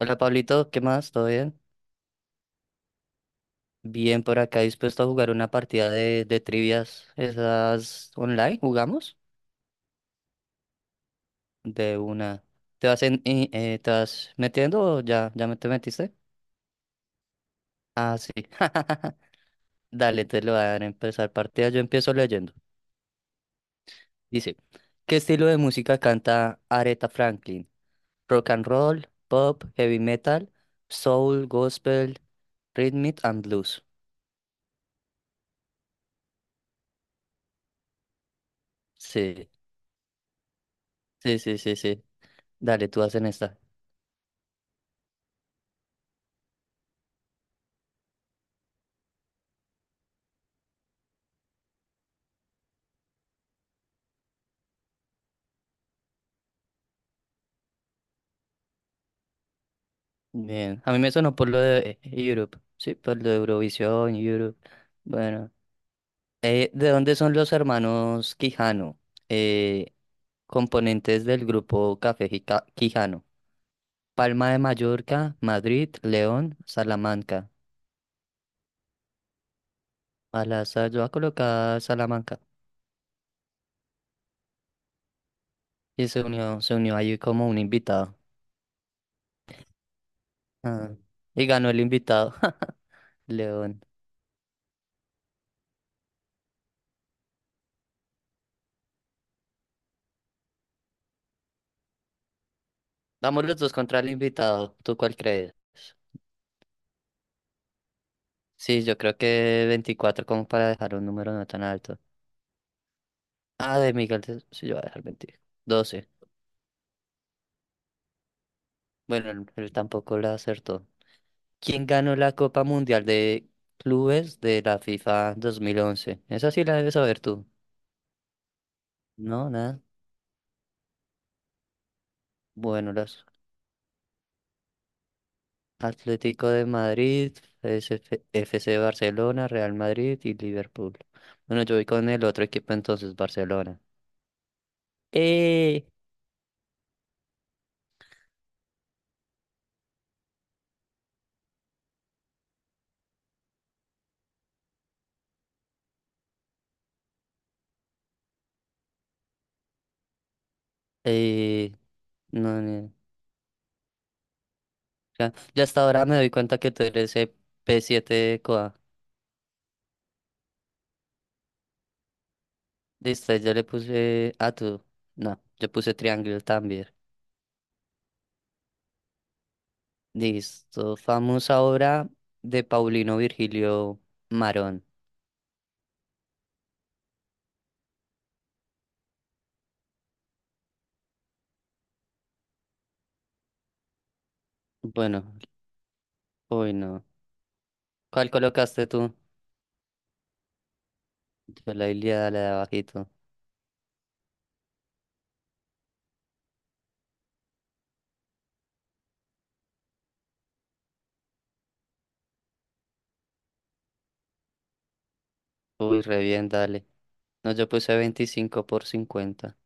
Hola Pablito, ¿qué más? ¿Todo bien? Bien por acá, dispuesto a jugar una partida de trivias. ¿Esas online? ¿Jugamos? De una. ¿Te vas metiendo o ya me te metiste? Ah, sí. Dale, te lo voy a dar a empezar partida. Yo empiezo leyendo. Dice, ¿qué estilo de música canta Aretha Franklin? Rock and roll, pop, heavy metal, soul, gospel, rhythm and blues. Sí, sí, sí, sí, sí. Dale, tú hacen esta. Bien, a mí me sonó por lo de Europe, sí, por lo de Eurovisión, Europe. Bueno, ¿de dónde son los hermanos Quijano? Eh, Componentes del grupo Café Quijano. Palma de Mallorca, Madrid, León, Salamanca. Al azar yo voy a colocar Salamanca. Y se unió ahí como un invitado. Ah, y ganó el invitado, León. Vamos los dos contra el invitado, ¿tú cuál crees? Sí, yo creo que 24 como para dejar un número no tan alto. Ah, de Miguel, sí, yo voy a dejar mentir. 12. Bueno, él tampoco la acertó. ¿Quién ganó la Copa Mundial de Clubes de la FIFA 2011? Esa sí la debes saber tú. No, nada. Bueno, los Atlético de Madrid, SF F C. Barcelona, Real Madrid y Liverpool. Bueno, yo voy con el otro equipo entonces, Barcelona. Eh, eh, no, ya hasta ahora me doy cuenta que tú eres el P7 COA. Listo, yo le puse a tú. No, yo puse triángulo también. Listo. Famosa obra de Paulino Virgilio Marón. Bueno, uy, no. ¿Cuál colocaste tú? Yo la Ilíada, la de abajito. Uy, re bien, dale. No, yo puse 25 por 50.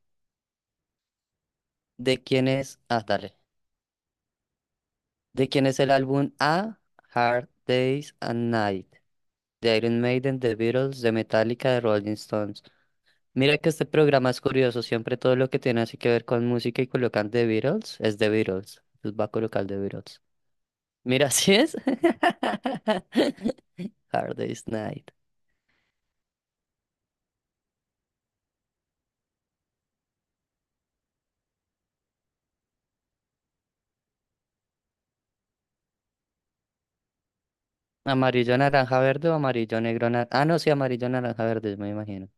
¿De quién es? Ah, dale. ¿De quién es el álbum A? Hard Days and Night. De Iron Maiden, The Beatles, de Metallica, de Rolling Stones. Mira que este programa es curioso, siempre todo lo que tiene así que ver con música y colocan The Beatles, es The Beatles. Entonces va a colocar The Beatles. Mira, así es. Hard Day's Night. Amarillo, naranja, verde o amarillo, negro, naranja. Ah, no, sí, amarillo, naranja, verde, me imagino.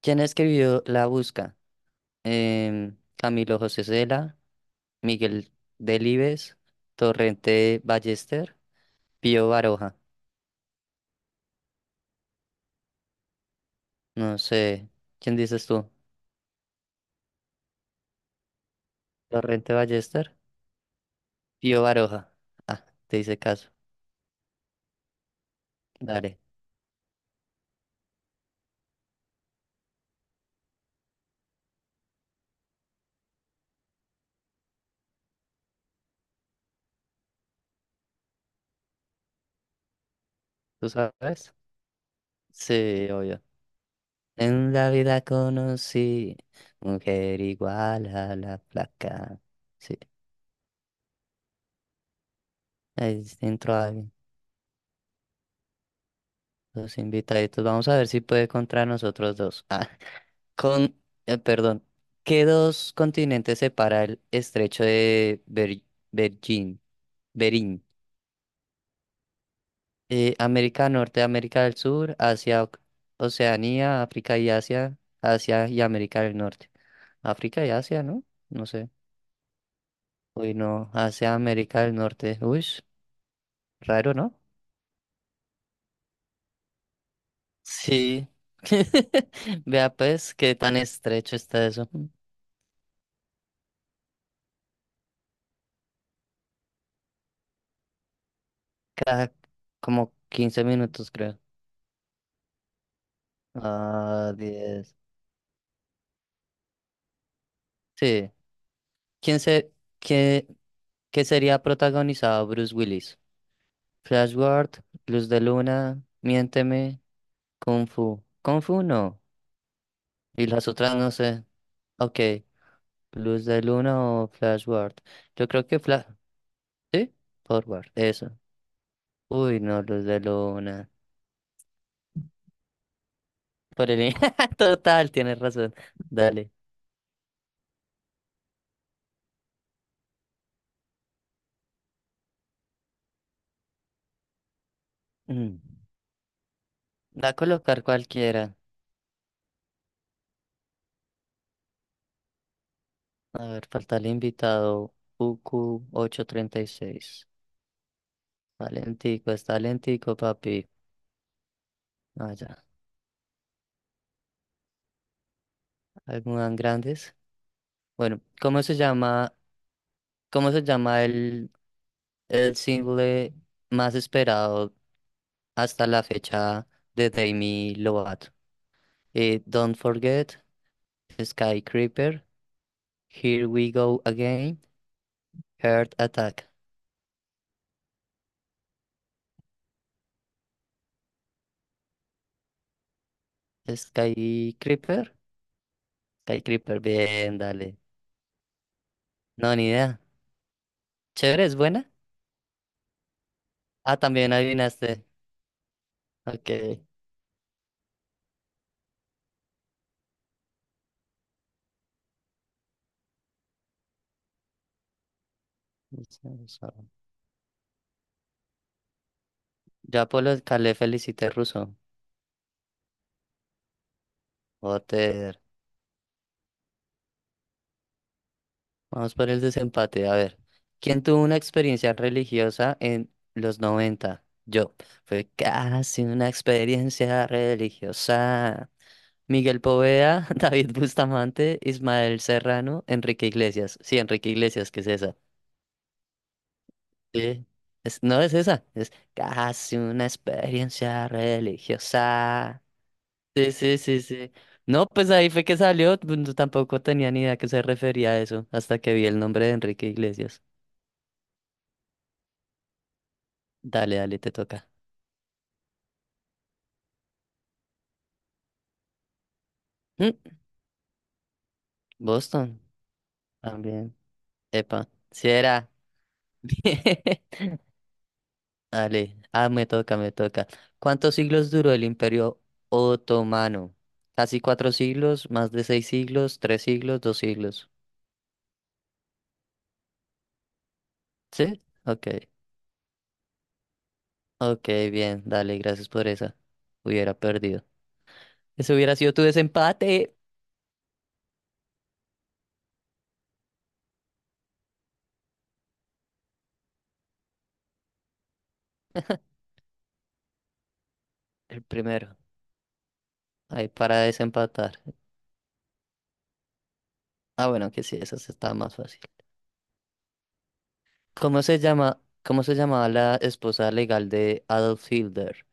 ¿Quién escribió La Busca? Camilo José Cela, Miguel Delibes, Torrente Ballester, Pío Baroja. No sé. ¿Quién dices tú? ¿Torrente Ballester? Pío Baroja. Ah, te hice caso. Dale, ¿tú sabes? Sí, obvio. En la vida conocí mujer igual a la placa. Sí, ahí entró alguien. Los invitaditos. Vamos a ver si puede contra nosotros dos. Ah, con, perdón. ¿Qué dos continentes separa el estrecho de Bergin- Berín? América Norte, América del Sur, Asia, Oceanía, África y Asia, Asia y América del Norte. África y Asia, ¿no? No sé. Uy, no, hacia América del Norte. Uy, raro, ¿no? Sí. Vea pues qué tan estrecho está eso. Cada como 15 minutos, creo. Ah, 10. Sí. ¿Quién se, qué, qué sería protagonizado Bruce Willis? Flash Gordon, Luz de Luna, Miénteme, Kung Fu. Kung Fu no. Y las otras no sé. Ok. Luz de Luna o Flash Gordon. Yo creo que Flash. ¿Sí? Forward. Eso. Uy, no, Luz de Luna. Por el. Total, tienes razón. Dale. Mm. Va a colocar cualquiera. A ver, falta el invitado. UQ836. Está lentico, papi. Ah, ya. Algunas grandes. Bueno, ¿cómo se llama el single más esperado hasta la fecha de Demi Lovato? Don't Forget, Sky Creeper, Here We Go Again, Heart Attack. Sky Creeper. Sky Creeper, bien, dale. No, ni idea. Chévere, es buena. Ah, también adivinaste. Ok. Ruso. Ya por Polo Calé felicité ruso. Joder. Vamos por el desempate. A ver. ¿Quién tuvo una experiencia religiosa en los 90? Yo. Fue casi una experiencia religiosa. Miguel Poveda, David Bustamante, Ismael Serrano, Enrique Iglesias. Sí, Enrique Iglesias, ¿qué es esa? Sí, no es esa, es casi una experiencia religiosa. Sí, sí, sí, sí. No, pues ahí fue que salió, pues, tampoco tenía ni idea a qué se refería a eso, hasta que vi el nombre de Enrique Iglesias. Dale, dale, te toca. Mm, Boston, también. Epa, si era. Dale, ah, me toca, me toca. ¿Cuántos siglos duró el Imperio Otomano? Casi 4 siglos, más de 6 siglos, 3 siglos, 2 siglos. ¿Sí? Ok. Ok, bien, dale, gracias por esa. Hubiera perdido. Ese hubiera sido tu desempate. El primero. Ahí para desempatar. Ah, bueno, que sí, esa sí está más fácil. ¿Cómo se llamaba la esposa legal de Adolf Hitler?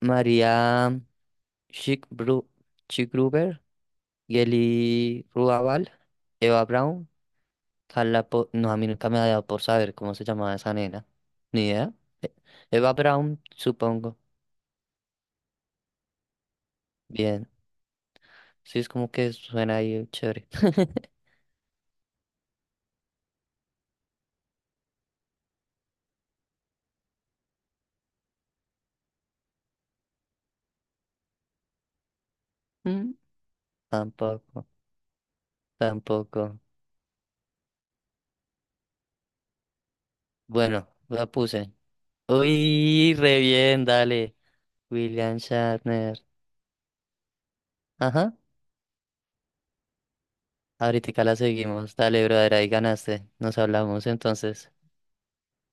María Schickbru- Schickgruber, Geli Ruabal, Eva Braun, Carla. No, a mí nunca me ha dado por saber cómo se llamaba esa nena. Ni idea. E- Eva Braun, supongo. Bien. Sí, es como que suena ahí chévere. Mm, Tampoco, tampoco. Bueno, la puse. Uy, re bien, dale. William Shatner. Ajá. Ahorita la seguimos. Dale, brother, ahí ganaste. Nos hablamos entonces.